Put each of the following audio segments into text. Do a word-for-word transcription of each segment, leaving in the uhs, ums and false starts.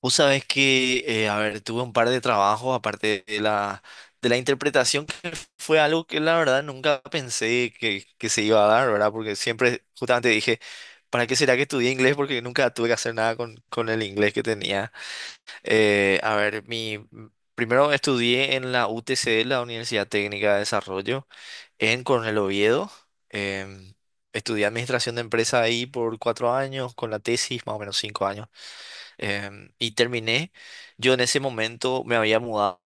Vos sabés que, eh, a ver, tuve un par de trabajos aparte de la, de la interpretación, que fue algo que la verdad nunca pensé que, que se iba a dar, ¿verdad? Porque siempre justamente dije, ¿para qué será que estudié inglés? Porque nunca tuve que hacer nada con, con el inglés que tenía. Eh, a ver, mi, primero estudié en la U T C, la Universidad Técnica de Desarrollo, en Coronel Oviedo. Em, Estudié administración de empresa ahí por cuatro años, con la tesis más o menos cinco años. Em, y terminé. Yo en ese momento me había mudado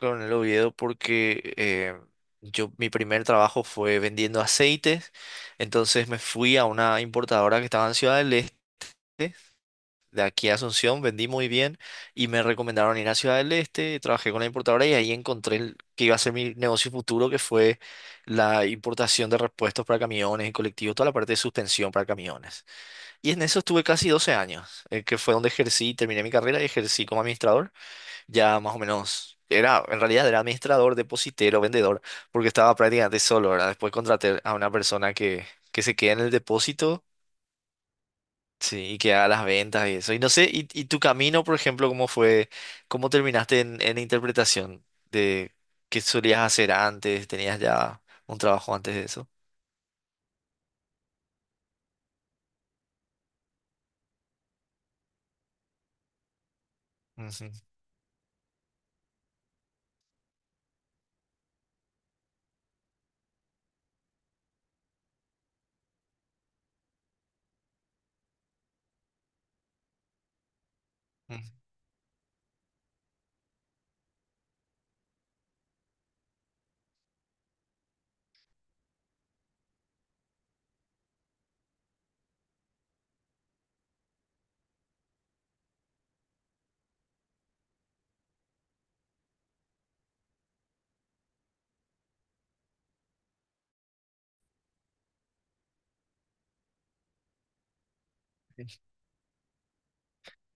con el Oviedo porque eh, yo, mi primer trabajo fue vendiendo aceites. Entonces me fui a una importadora que estaba en Ciudad del Este. De aquí a Asunción vendí muy bien y me recomendaron ir a Ciudad del Este. Trabajé con la importadora y ahí encontré el- que iba a ser mi negocio futuro, que fue la importación de repuestos para camiones y colectivos, toda la parte de suspensión para camiones. Y en eso estuve casi doce años, eh, que fue donde ejercí, terminé mi carrera y ejercí como administrador. Ya más o menos, era, en realidad era administrador, depositero, vendedor, porque estaba prácticamente solo, ¿verdad? Después contraté a una persona que, que se queda en el depósito, sí, y que haga las ventas y eso. Y no sé, y, y tu camino, por ejemplo, cómo fue, cómo terminaste en, en interpretación de qué solías hacer antes, tenías ya un trabajo antes de eso. Ujú, ujú.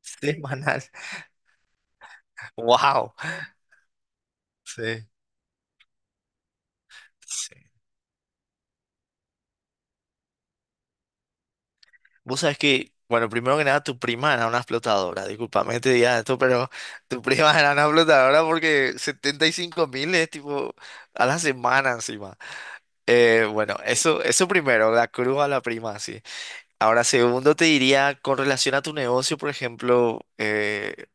Semanal. Wow. Sí. Vos sabés que, bueno, primero que nada, tu prima era una explotadora. Disculpame que te diga esto, pero tu prima era una explotadora porque 75 mil es tipo a la semana encima. Eh, bueno, eso, eso primero, la cruz a la prima, sí. Ahora, segundo, te diría, con relación a tu negocio, por ejemplo, eh,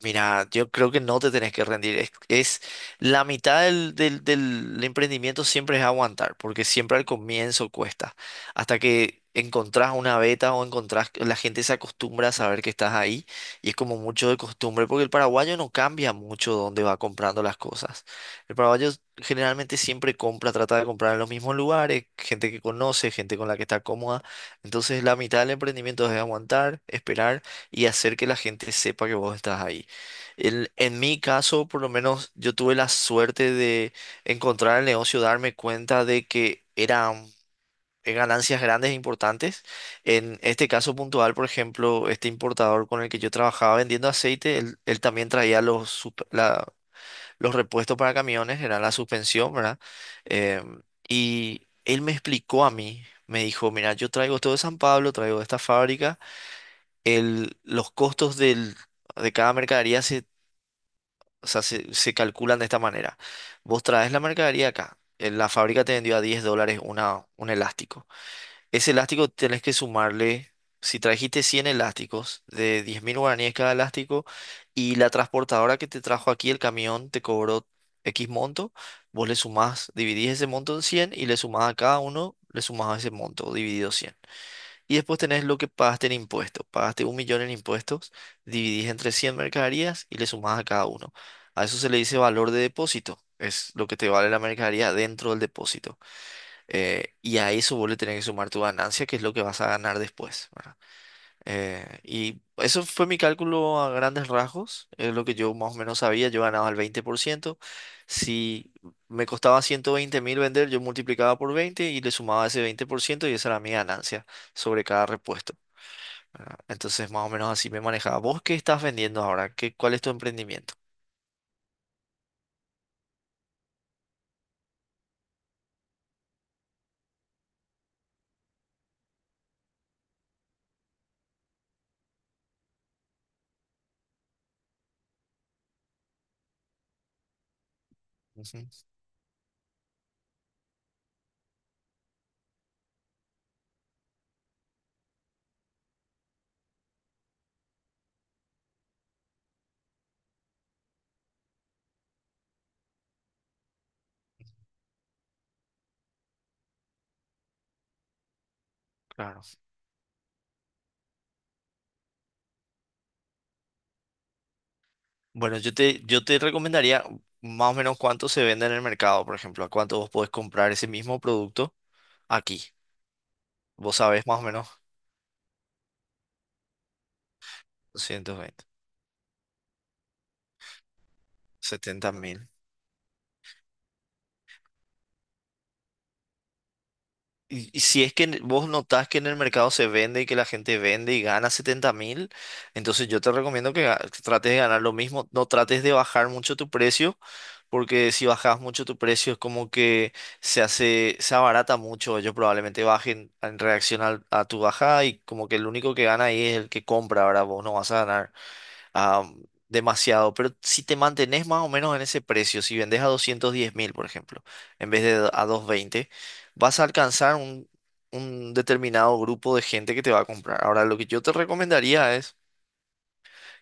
mira, yo creo que no te tenés que rendir. Es, es- la mitad del, del- del emprendimiento siempre es aguantar, porque siempre al comienzo cuesta. Hasta que encontrás una beta o encontrás, la gente se acostumbra a saber que estás ahí y es como mucho de costumbre, porque el paraguayo no cambia mucho dónde va comprando las cosas. El paraguayo generalmente siempre compra, trata de comprar en los mismos lugares, gente que conoce, gente con la que está cómoda. Entonces la mitad del emprendimiento es aguantar, esperar y hacer que la gente sepa que vos estás ahí. El- en mi caso, por lo menos, yo tuve la suerte de encontrar el negocio, darme cuenta de que eran eh, ganancias grandes e importantes. En este caso puntual, por ejemplo, este importador con el que yo trabajaba vendiendo aceite, él, él también traía los, sup- la- los repuestos para camiones, era la suspensión, ¿verdad? Em, y él me explicó a mí, me dijo, mira, yo traigo esto de San Pablo, traigo de esta fábrica, el, los costos del de cada mercadería, o sea, se, se calculan de esta manera. Vos traes la mercadería acá. eh, La fábrica te vendió a diez dólares una, un elástico. Ese elástico tenés que sumarle, si trajiste cien elásticos de diez mil guaraníes cada elástico y la transportadora que te trajo aquí, el camión, te cobró X monto, vos le sumás, dividís ese monto en cien y le sumás a cada uno, le sumás ese monto dividido cien. Y después tenés lo que pagaste en impuestos. Pagaste un millón en impuestos, dividís entre cien mercaderías y le sumás a cada uno. A eso se le dice valor de depósito. Es lo que te vale la mercadería dentro del depósito. Eh, y a eso vos le tenés que sumar tu ganancia, que es lo que vas a ganar después, ¿verdad? Eh, y eso fue mi cálculo a grandes rasgos. Es lo que yo más o menos sabía. Yo ganaba el veinte por ciento. Si me costaba ciento veinte mil vender, yo multiplicaba por veinte y le sumaba ese veinte por ciento y esa era mi ganancia sobre cada repuesto. Ah, Entonces, más o menos así me manejaba. ¿Vos qué estás vendiendo ahora? ¿Qué, cuál es tu emprendimiento? Ujú. Claro. Bueno, yo te, yo te recomendaría más o menos cuánto se vende en el mercado, por ejemplo, a cuánto vos podés comprar ese mismo producto aquí. ¿Vos sabés más o menos? Doscientos veinte, setenta mil. Y, y si es que n- vos notás que en el mercado se vende y que la gente vende y gana setenta mil, entonces yo te recomiendo que, ga- que trates de ganar lo mismo. No trates de bajar mucho tu precio, porque si bajas mucho tu precio es como que se hace, se abarata mucho. Ellos probablemente bajen en reacción al- a tu bajada y como que el único que gana ahí es el que compra. Ahora vos no vas a ganar. am, demasiado, pero si te mantenés más o menos en ese precio, si vendes a doscientos diez mil, por ejemplo, en vez de a doscientos veinte, vas a alcanzar un, un determinado grupo de gente que te va a comprar. Ahora, lo que yo te recomendaría es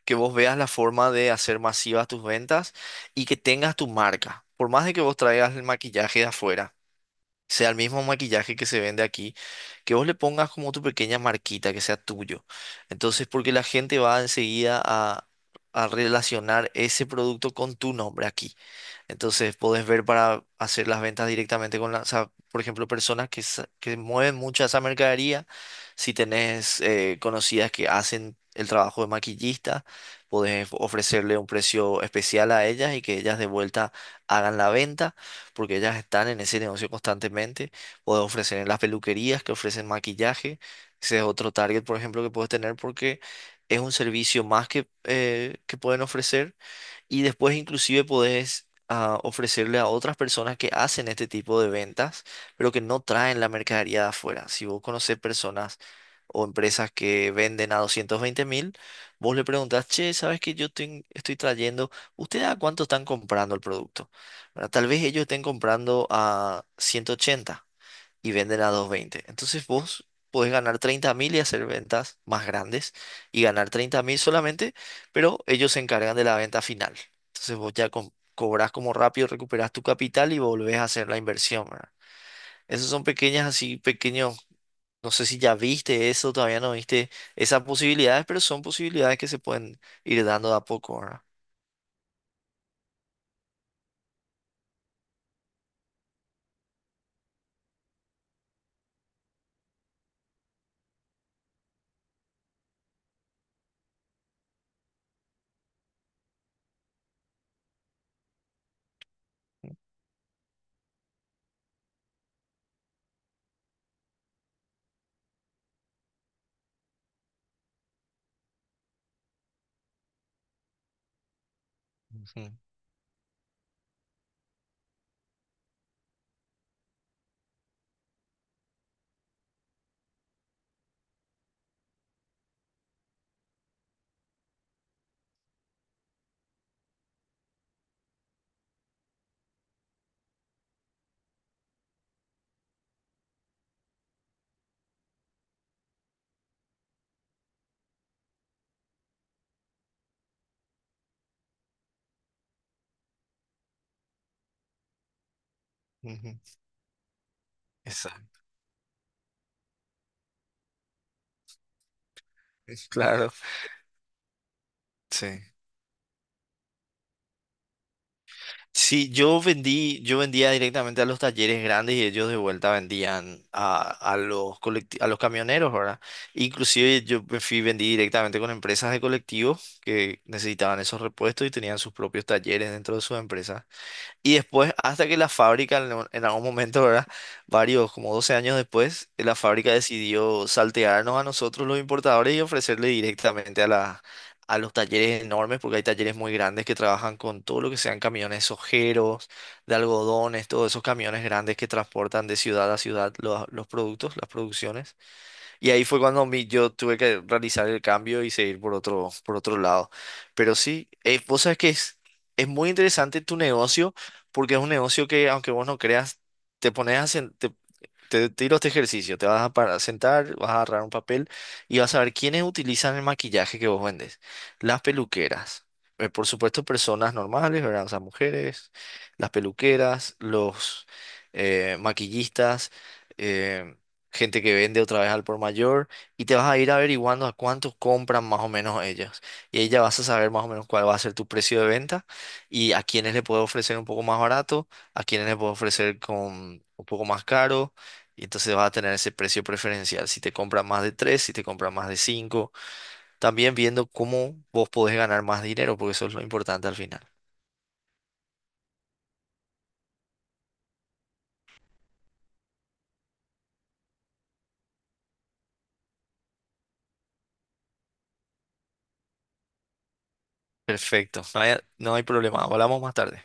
que vos veas la forma de hacer masivas tus ventas y que tengas tu marca. Por más de que vos traigas el maquillaje de afuera, sea el mismo maquillaje que se vende aquí, que vos le pongas como tu pequeña marquita, que sea tuyo. Entonces, porque la gente va enseguida a, a relacionar ese producto con tu nombre aquí. Entonces podés ver para hacer las ventas directamente con la, o sea, por ejemplo, personas que, sa- que mueven mucha esa mercadería. Si tenés eh, conocidas que hacen el trabajo de maquillista, podés ofrecerle un precio especial a ellas y que ellas de vuelta hagan la venta, porque ellas están en ese negocio constantemente. Podés ofrecer en las peluquerías que ofrecen maquillaje. Ese es otro target, por ejemplo, que puedes tener porque es un servicio más que, eh, que pueden ofrecer y después inclusive podés ah, ofrecerle a otras personas que hacen este tipo de ventas, pero que no traen la mercadería de afuera. Si vos conocés personas o empresas que venden a doscientos veinte mil, vos le preguntás, che, ¿sabes que yo ten- estoy trayendo? ¿Ustedes a cuánto están comprando el producto? ¿Verdad? Tal vez ellos estén comprando a ciento ochenta y venden a doscientos veinte. Entonces vos podés ganar treinta mil y hacer ventas más grandes y ganar treinta mil solamente, pero ellos se encargan de la venta final. Entonces vos ya co- cobras como rápido, recuperas tu capital y volvés a hacer la inversión, ¿verdad? Esos son pequeñas, así pequeños, no sé si ya viste eso, todavía no viste esas posibilidades, pero son posibilidades que se pueden ir dando de a poco, ¿verdad? Ujú. Ujú. Exacto. Claro, sí. Sí, yo vendí, yo vendía directamente a los talleres grandes y ellos de vuelta vendían a, a los colecti- a los camioneros, ¿verdad? Inclusive yo me fui, vendí directamente con empresas de colectivos que necesitaban esos repuestos y tenían sus propios talleres dentro de sus empresas. Y después, hasta que la fábrica, en un- en algún momento, ¿verdad? Varios, como doce años después, la fábrica decidió saltearnos a nosotros los importadores y ofrecerle directamente a la- a los talleres enormes, porque hay talleres muy grandes que trabajan con todo lo que sean camiones ojeros, de algodones, todos esos camiones grandes que transportan de ciudad a ciudad los, los productos, las producciones. Y ahí fue cuando mi- yo tuve que realizar el cambio y seguir por otro, por otro lado. Pero sí, eh, vos sabes que es, es muy interesante tu negocio porque es un negocio que aunque vos no creas, te pones a, sen- te, te tiro este ejercicio, te vas a para- sentar, vas a agarrar un papel y vas a ver quiénes utilizan el maquillaje que vos vendes. Las peluqueras, eh, por supuesto personas normales, ¿verdad? O sea, mujeres, las peluqueras, los eh, maquillistas, eh, gente que vende otra vez al por mayor y te vas a ir averiguando a cuántos compran más o menos ellas. Y ahí ya vas a saber más o menos cuál va a ser tu precio de venta y a quiénes le puedo ofrecer un poco más barato, a quiénes le puedo ofrecer con un poco más caro y entonces vas a tener ese precio preferencial si te compras más de tres, si te compras más de cinco. También viendo cómo vos podés ganar más dinero, porque eso es lo importante al final. Perfecto, no hay, no hay problema. Hablamos más tarde.